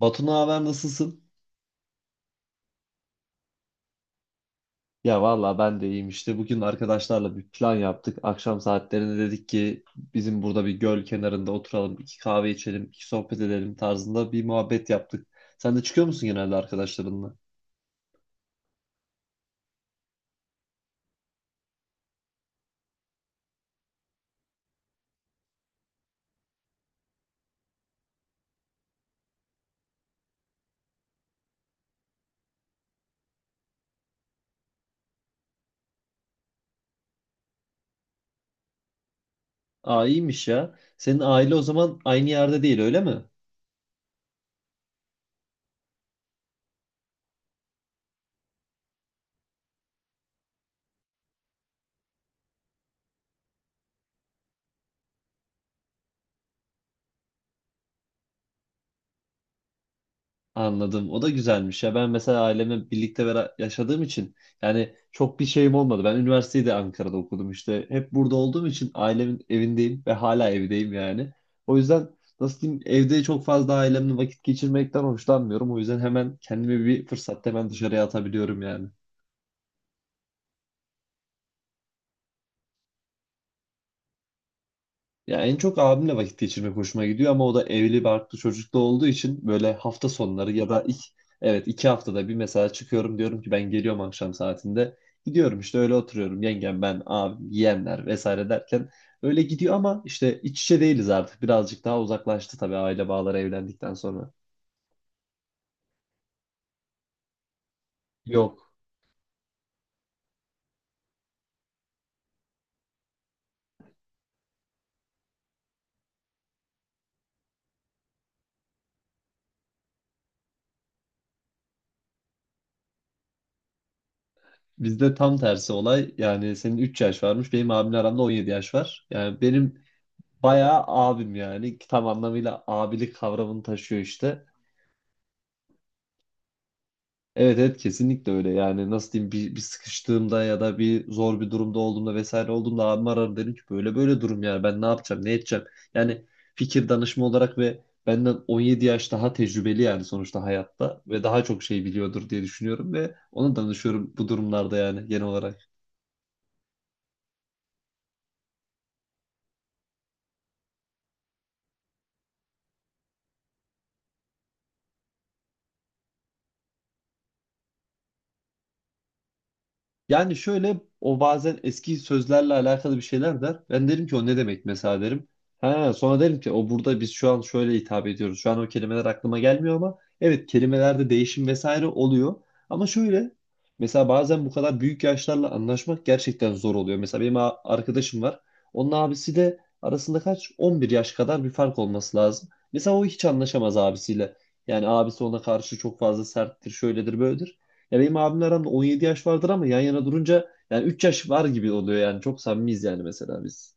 Batu naber nasılsın? Ya valla ben de iyiyim işte. Bugün arkadaşlarla bir plan yaptık. Akşam saatlerinde dedik ki bizim burada bir göl kenarında oturalım, iki kahve içelim, iki sohbet edelim tarzında bir muhabbet yaptık. Sen de çıkıyor musun genelde arkadaşlarınla? Aa iyiymiş ya. Senin aile o zaman aynı yerde değil öyle mi? Anladım. O da güzelmiş ya. Ben mesela ailemle birlikte yaşadığım için yani çok bir şeyim olmadı. Ben üniversiteyi de Ankara'da okudum işte. Hep burada olduğum için ailemin evindeyim ve hala evdeyim yani. O yüzden nasıl diyeyim evde çok fazla ailemle vakit geçirmekten hoşlanmıyorum. O yüzden hemen kendimi bir fırsatta hemen dışarıya atabiliyorum yani. Ya en çok abimle vakit geçirmek hoşuma gidiyor ama o da evli barklı çocuklu olduğu için böyle hafta sonları ya da evet iki haftada bir mesela çıkıyorum diyorum ki ben geliyorum akşam saatinde. Gidiyorum işte öyle oturuyorum yengem ben abim yeğenler vesaire derken öyle gidiyor ama işte iç içe değiliz artık birazcık daha uzaklaştı tabii aile bağları evlendikten sonra. Yok, bizde tam tersi olay yani senin 3 yaş varmış benim abimle aramda 17 yaş var. Yani benim bayağı abim yani tam anlamıyla abilik kavramını taşıyor işte. Evet evet kesinlikle öyle yani nasıl diyeyim bir sıkıştığımda ya da bir zor bir durumda olduğumda vesaire olduğumda abim arar derim ki böyle böyle durum yani ben ne yapacağım ne edeceğim yani fikir danışma olarak ve benden 17 yaş daha tecrübeli yani sonuçta hayatta ve daha çok şey biliyordur diye düşünüyorum ve ona danışıyorum bu durumlarda yani genel olarak. Yani şöyle o bazen eski sözlerle alakalı bir şeyler der. Ben derim ki o ne demek mesela derim. Ha, sonra derim ki o burada biz şu an şöyle hitap ediyoruz. Şu an o kelimeler aklıma gelmiyor ama evet kelimelerde değişim vesaire oluyor. Ama şöyle mesela bazen bu kadar büyük yaşlarla anlaşmak gerçekten zor oluyor. Mesela benim arkadaşım var. Onun abisi de arasında kaç? 11 yaş kadar bir fark olması lazım. Mesela o hiç anlaşamaz abisiyle. Yani abisi ona karşı çok fazla serttir, şöyledir, böyledir. Ya benim abimle aramda 17 yaş vardır ama yan yana durunca yani 3 yaş var gibi oluyor yani. Çok samimiyiz yani mesela biz.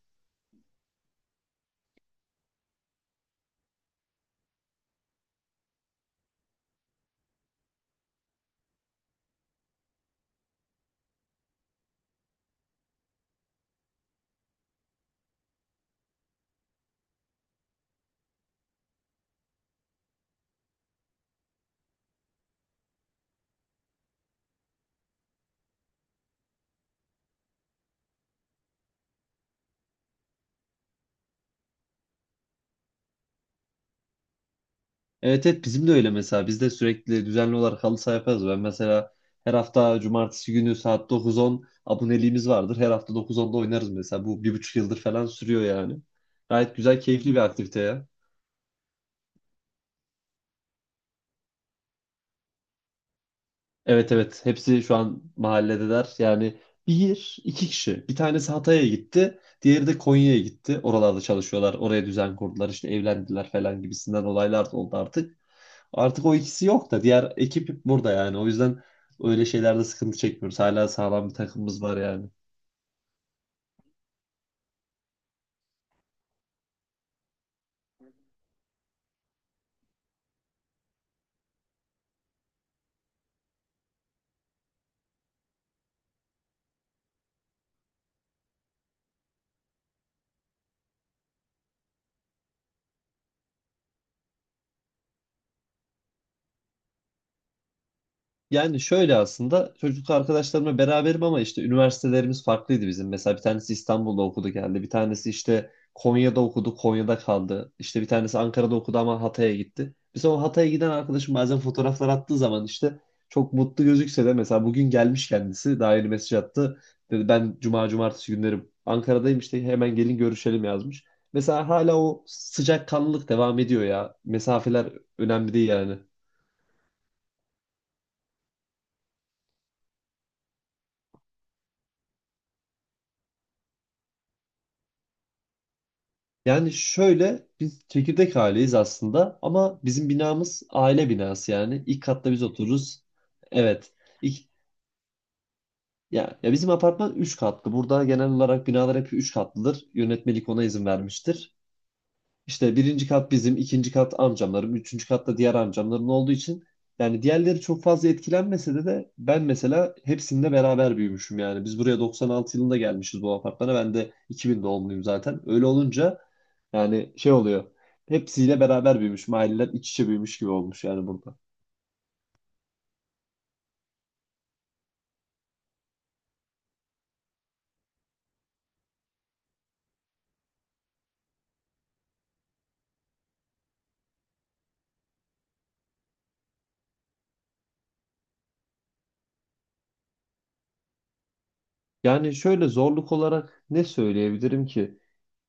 Evet evet bizim de öyle mesela. Biz de sürekli düzenli olarak halı saha yaparız. Ben mesela her hafta cumartesi günü saat 9-10 aboneliğimiz vardır. Her hafta 9-10'da oynarız mesela. Bu bir buçuk yıldır falan sürüyor yani. Gayet güzel, keyifli bir aktivite ya. Evet evet hepsi şu an mahalledeler. Yani bir iki kişi. Bir tanesi Hatay'a gitti. Diğeri de Konya'ya gitti. Oralarda çalışıyorlar. Oraya düzen kurdular. İşte evlendiler falan gibisinden olaylar da oldu artık. Artık o ikisi yok da diğer ekip burada yani. O yüzden öyle şeylerde sıkıntı çekmiyoruz. Hala sağlam bir takımımız var yani. Yani şöyle aslında çocuk arkadaşlarımla beraberim ama işte üniversitelerimiz farklıydı bizim. Mesela bir tanesi İstanbul'da okudu geldi. Bir tanesi işte Konya'da okudu, Konya'da kaldı. İşte bir tanesi Ankara'da okudu ama Hatay'a gitti. Mesela o Hatay'a giden arkadaşım bazen fotoğraflar attığı zaman işte çok mutlu gözükse de mesela bugün gelmiş kendisi daha yeni mesaj attı. Dedi ben cuma cumartesi günleri Ankara'dayım işte hemen gelin görüşelim yazmış. Mesela hala o sıcakkanlılık devam ediyor ya. Mesafeler önemli değil yani. Yani şöyle biz çekirdek aileyiz aslında ama bizim binamız aile binası yani. İlk katta biz otururuz. Evet. İlk, ya, ya bizim apartman 3 katlı. Burada genel olarak binalar hep 3 katlıdır. Yönetmelik ona izin vermiştir. İşte birinci kat bizim, ikinci kat amcamların, üçüncü katta diğer amcamların olduğu için yani diğerleri çok fazla etkilenmese de ben mesela hepsinde beraber büyümüşüm yani. Biz buraya 96 yılında gelmişiz bu apartmana. Ben de 2000 doğumluyum zaten. Öyle olunca yani şey oluyor. Hepsiyle beraber büyümüş. Aileler iç içe büyümüş gibi olmuş yani burada. Yani şöyle zorluk olarak ne söyleyebilirim ki?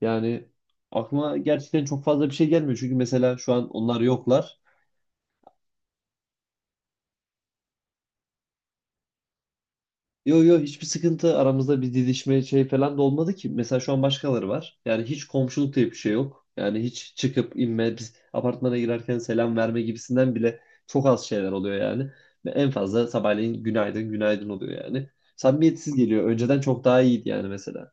Yani aklıma gerçekten çok fazla bir şey gelmiyor. Çünkü mesela şu an onlar yoklar. Yo yo hiçbir sıkıntı aramızda bir didişme şey falan da olmadı ki. Mesela şu an başkaları var. Yani hiç komşuluk diye bir şey yok. Yani hiç çıkıp inme biz apartmana girerken selam verme gibisinden bile çok az şeyler oluyor yani. Ve en fazla sabahleyin günaydın günaydın oluyor yani. Samimiyetsiz geliyor. Önceden çok daha iyiydi yani mesela.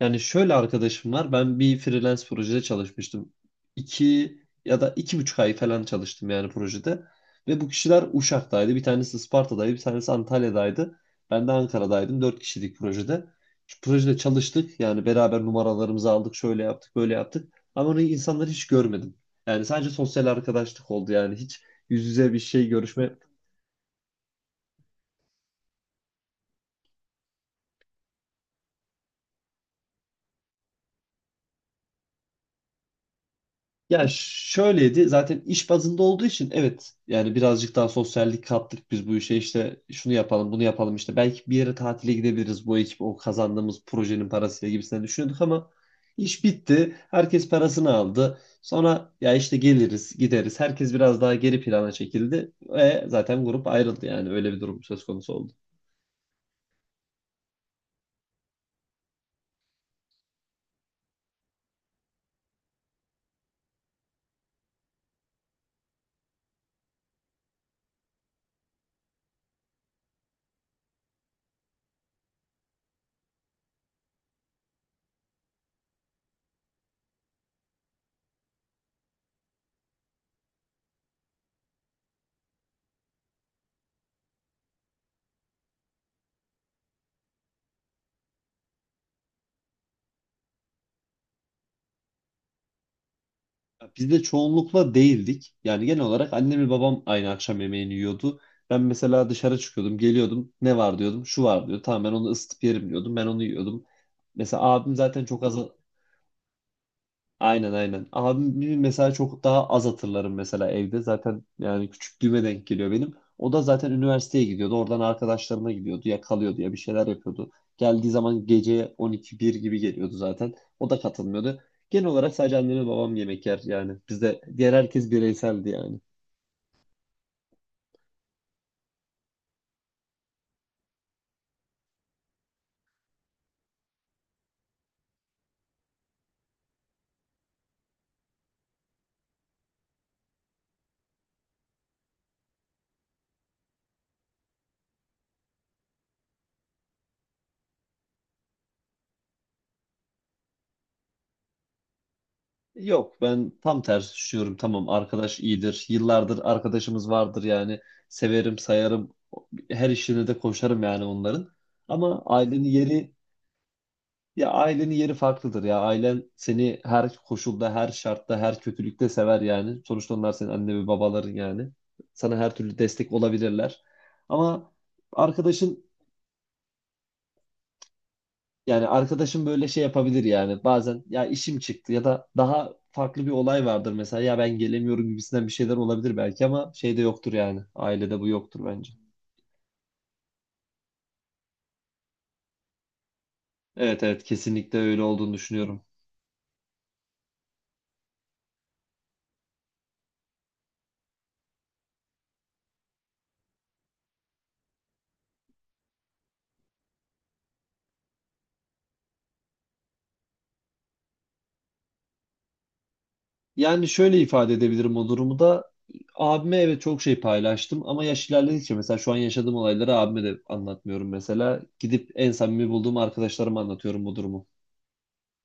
Yani şöyle arkadaşım var. Ben bir freelance projede çalışmıştım. İki ya da iki buçuk ay falan çalıştım yani projede. Ve bu kişiler Uşak'taydı. Bir tanesi Isparta'daydı. Bir tanesi Antalya'daydı. Ben de Ankara'daydım. Dört kişilik projede. Şu projede çalıştık. Yani beraber numaralarımızı aldık. Şöyle yaptık, böyle yaptık. Ama onu insanları hiç görmedim. Yani sadece sosyal arkadaşlık oldu. Yani hiç yüz yüze bir şey görüşme. Ya şöyleydi zaten iş bazında olduğu için evet yani birazcık daha sosyallik kattık biz bu işe işte şunu yapalım bunu yapalım işte belki bir yere tatile gidebiliriz bu ekip o kazandığımız projenin parasıyla gibisinden düşünüyorduk ama iş bitti herkes parasını aldı sonra ya işte geliriz gideriz herkes biraz daha geri plana çekildi ve zaten grup ayrıldı yani öyle bir durum söz konusu oldu. Biz de çoğunlukla değildik. Yani genel olarak annem ve babam aynı akşam yemeğini yiyordu. Ben mesela dışarı çıkıyordum, geliyordum. Ne var diyordum, şu var diyor. Tamam ben onu ısıtıp yerim diyordum. Ben onu yiyordum. Mesela abim zaten çok az. Aynen aynen. Abimi mesela çok daha az hatırlarım mesela evde. Zaten yani küçüklüğüme denk geliyor benim. O da zaten üniversiteye gidiyordu. Oradan arkadaşlarına gidiyordu. Ya kalıyordu ya bir şeyler yapıyordu. Geldiği zaman gece 12-1 gibi geliyordu zaten. O da katılmıyordu. Genel olarak sadece annem ve babam yemek yer yani. Bizde diğer herkes bireyseldi yani. Yok ben tam tersi düşünüyorum. Tamam arkadaş iyidir. Yıllardır arkadaşımız vardır yani. Severim sayarım. Her işine de koşarım yani onların. Ama ailenin yeri. Ya ailenin yeri farklıdır ya. Ailen seni her koşulda, her şartta, her kötülükte sever yani. Sonuçta onlar senin anne ve babaların yani. Sana her türlü destek olabilirler. Ama arkadaşın, yani arkadaşın böyle şey yapabilir yani. Bazen ya işim çıktı ya da daha farklı bir olay vardır mesela. Ya ben gelemiyorum gibisinden bir şeyler olabilir belki ama şeyde yoktur yani. Ailede bu yoktur bence. Evet evet kesinlikle öyle olduğunu düşünüyorum. Yani şöyle ifade edebilirim o durumu da. Abime evet çok şey paylaştım ama yaş ilerledikçe mesela şu an yaşadığım olayları abime de anlatmıyorum mesela. Gidip en samimi bulduğum arkadaşlarıma anlatıyorum bu durumu.